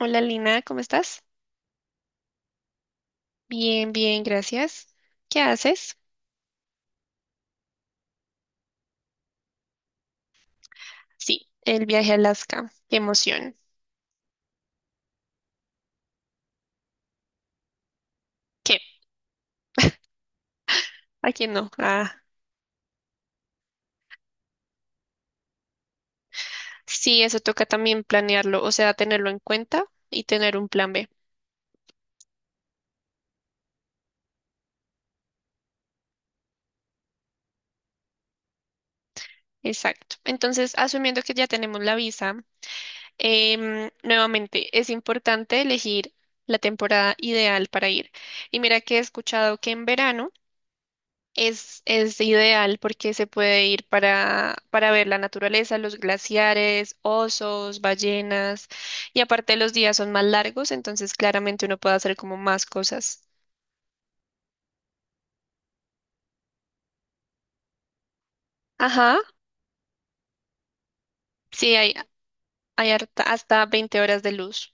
Hola Lina, ¿cómo estás? Bien, bien, gracias. ¿Qué haces? Sí, el viaje a Alaska. Qué emoción. ¿Qué? ¿A quién no? Ah, sí, eso toca también planearlo, o sea, tenerlo en cuenta y tener un plan B. Exacto. Entonces, asumiendo que ya tenemos la visa, nuevamente es importante elegir la temporada ideal para ir. Y mira que he escuchado que en verano es ideal porque se puede ir para ver la naturaleza, los glaciares, osos, ballenas, y aparte los días son más largos, entonces claramente uno puede hacer como más cosas. Ajá, sí, hay hasta 20 horas de luz.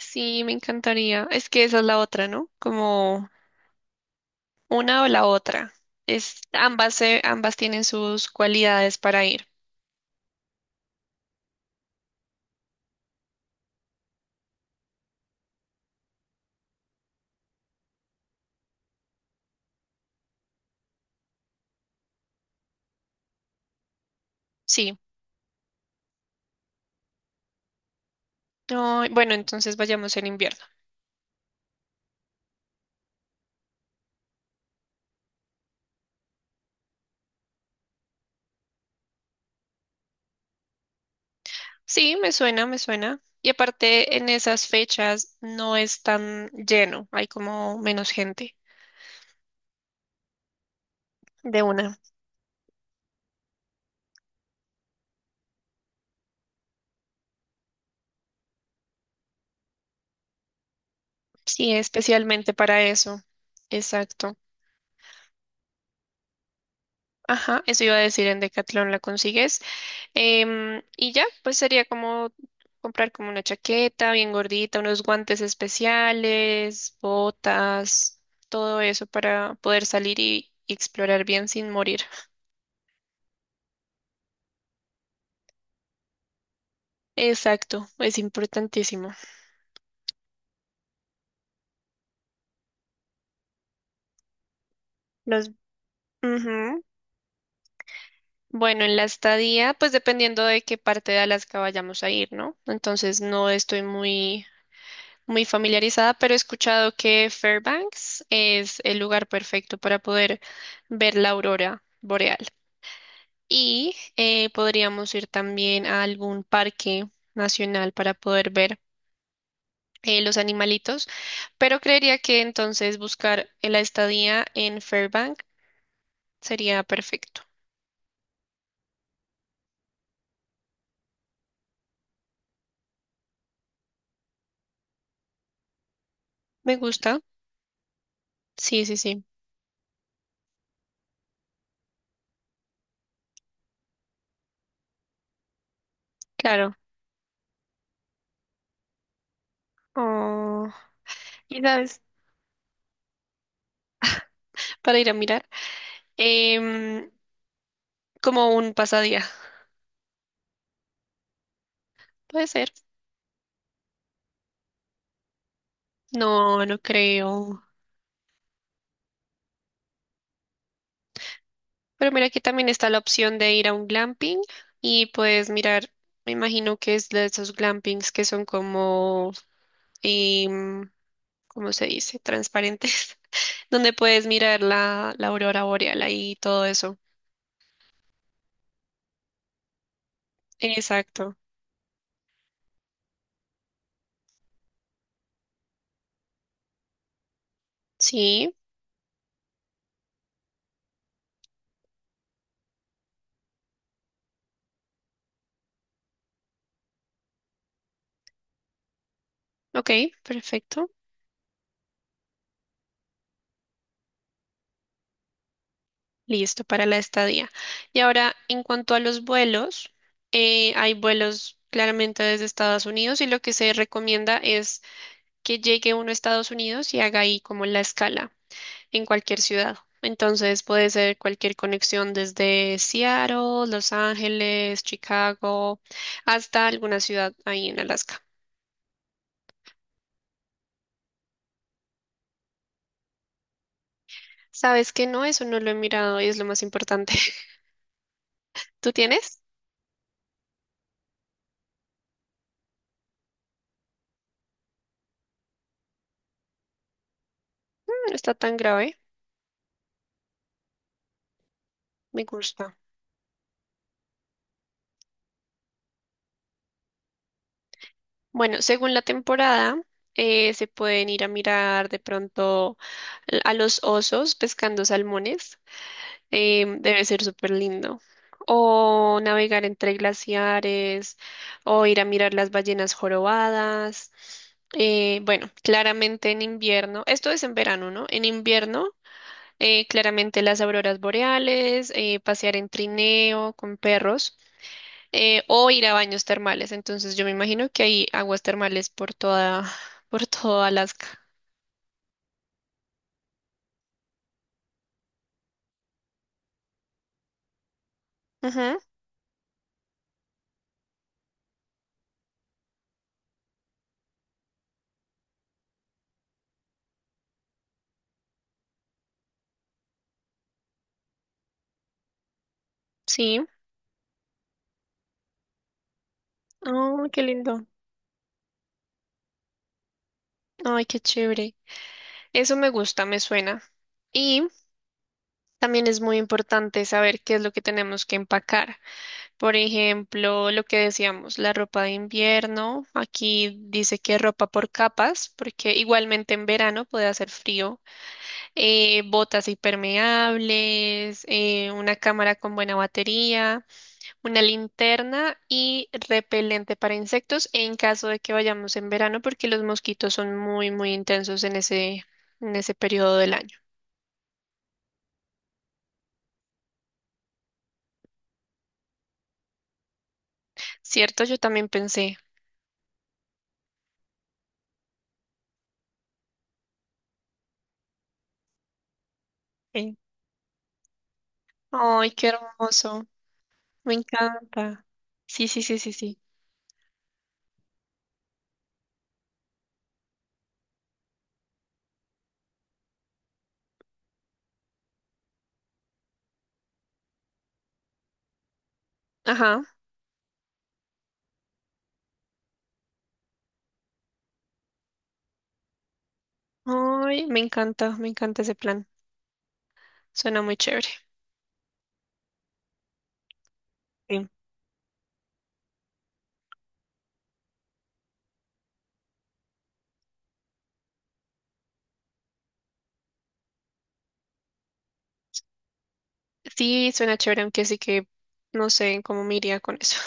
Sí, me encantaría. Es que esa es la otra, ¿no? Como una o la otra. Ambas, ambas tienen sus cualidades para ir. Sí. Ay, bueno, entonces vayamos en invierno. Sí, me suena, me suena. Y aparte, en esas fechas no es tan lleno, hay como menos gente de una. Sí, especialmente para eso. Exacto. Ajá, eso iba a decir, en Decathlon la consigues. Y ya, pues sería como comprar como una chaqueta bien gordita, unos guantes especiales, botas, todo eso para poder salir y explorar bien sin morir. Exacto, es importantísimo. Los, ujú. Bueno, en la estadía, pues dependiendo de qué parte de Alaska vayamos a ir, ¿no? Entonces no estoy muy, muy familiarizada, pero he escuchado que Fairbanks es el lugar perfecto para poder ver la aurora boreal. Y podríamos ir también a algún parque nacional para poder ver los animalitos, pero creería que entonces buscar la estadía en Fairbanks sería perfecto. Me gusta. Sí, sí, sí. Claro. Oh. Quizás para ir a mirar. Em, como un pasadía. Puede ser. No, no creo. Pero mira, aquí también está la opción de ir a un glamping y puedes mirar, me imagino que es de esos glampings que son como, em, ¿cómo se dice? Transparentes, donde puedes mirar la aurora boreal ahí y todo eso. Exacto. Sí, ok, perfecto. Listo para la estadía. Y ahora, en cuanto a los vuelos, hay vuelos claramente desde Estados Unidos y lo que se recomienda es que llegue uno a Estados Unidos y haga ahí como la escala en cualquier ciudad. Entonces puede ser cualquier conexión desde Seattle, Los Ángeles, Chicago, hasta alguna ciudad ahí en Alaska. ¿Sabes que no? Eso no lo he mirado y es lo más importante. ¿Tú tienes? No está tan grave. Me gusta. Bueno, según la temporada, se pueden ir a mirar de pronto a los osos pescando salmones. Debe ser súper lindo. O navegar entre glaciares, o ir a mirar las ballenas jorobadas. Bueno, claramente en invierno, esto es en verano, ¿no? En invierno, claramente las auroras boreales, pasear en trineo con perros, o ir a baños termales. Entonces yo me imagino que hay aguas termales por toda, por todo Alaska. Ujú, sí. Oh, qué lindo. Ay, qué chévere. Eso me gusta, me suena. Y también es muy importante saber qué es lo que tenemos que empacar. Por ejemplo, lo que decíamos, la ropa de invierno. Aquí dice que ropa por capas, porque igualmente en verano puede hacer frío. Botas impermeables, una cámara con buena batería, una linterna y repelente para insectos en caso de que vayamos en verano, porque los mosquitos son muy, muy intensos en ese periodo del año. ¿Cierto? Yo también pensé. Sí. Ay, qué hermoso. Me encanta. Sí, sí, sí, sí, sí. Ajá. Ay, me encanta ese plan. Suena muy chévere. Sí, sí, suena chévere, aunque sí que no sé cómo me iría con eso.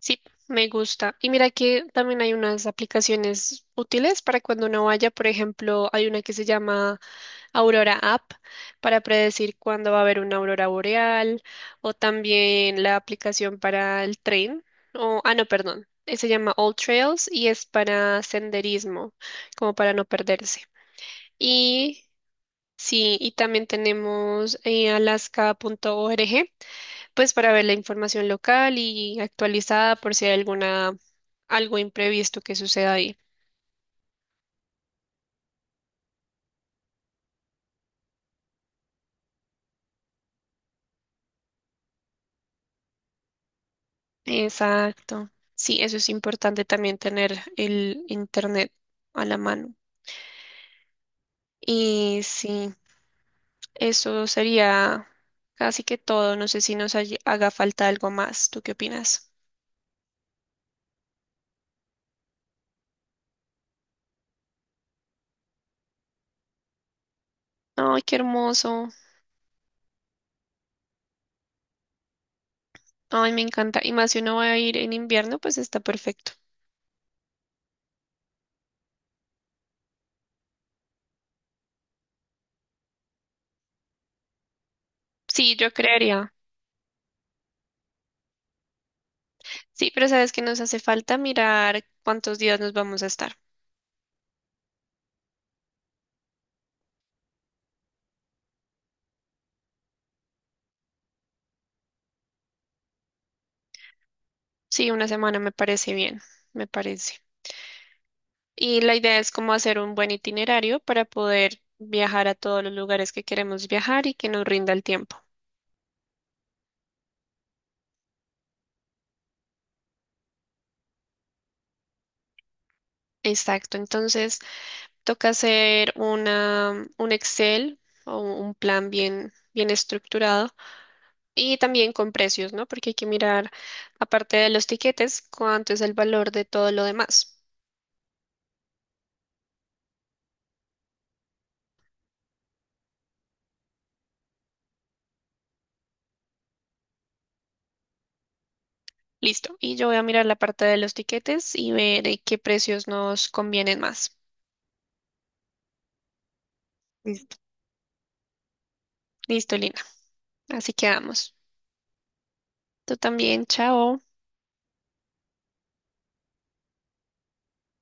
Sí, me gusta. Y mira que también hay unas aplicaciones útiles para cuando uno vaya. Por ejemplo, hay una que se llama Aurora App, para predecir cuándo va a haber una aurora boreal, o también la aplicación para el tren. O, ah, no, perdón. Se llama All Trails y es para senderismo, como para no perderse. Y sí, y también tenemos alaska.org, pues para ver la información local y actualizada por si hay alguna, algo imprevisto que suceda ahí. Exacto. Sí, eso es importante también, tener el internet a la mano. Y sí, eso sería casi que todo. No sé si nos haga falta algo más. ¿Tú qué opinas? Ay, qué hermoso. Ay, me encanta. Y más si uno va a ir en invierno, pues está perfecto. Sí, yo creería. Sí, pero sabes que nos hace falta mirar cuántos días nos vamos a estar. Sí, una semana me parece bien, me parece. Y la idea es como hacer un buen itinerario para poder viajar a todos los lugares que queremos viajar y que nos rinda el tiempo. Exacto, entonces toca hacer un Excel o un plan bien, bien estructurado, y también con precios, ¿no? Porque hay que mirar, aparte de los tiquetes, cuánto es el valor de todo lo demás. Listo, y yo voy a mirar la parte de los tiquetes y ver qué precios nos convienen más. Listo. Listo, Lina. Así que vamos. Tú también, chao.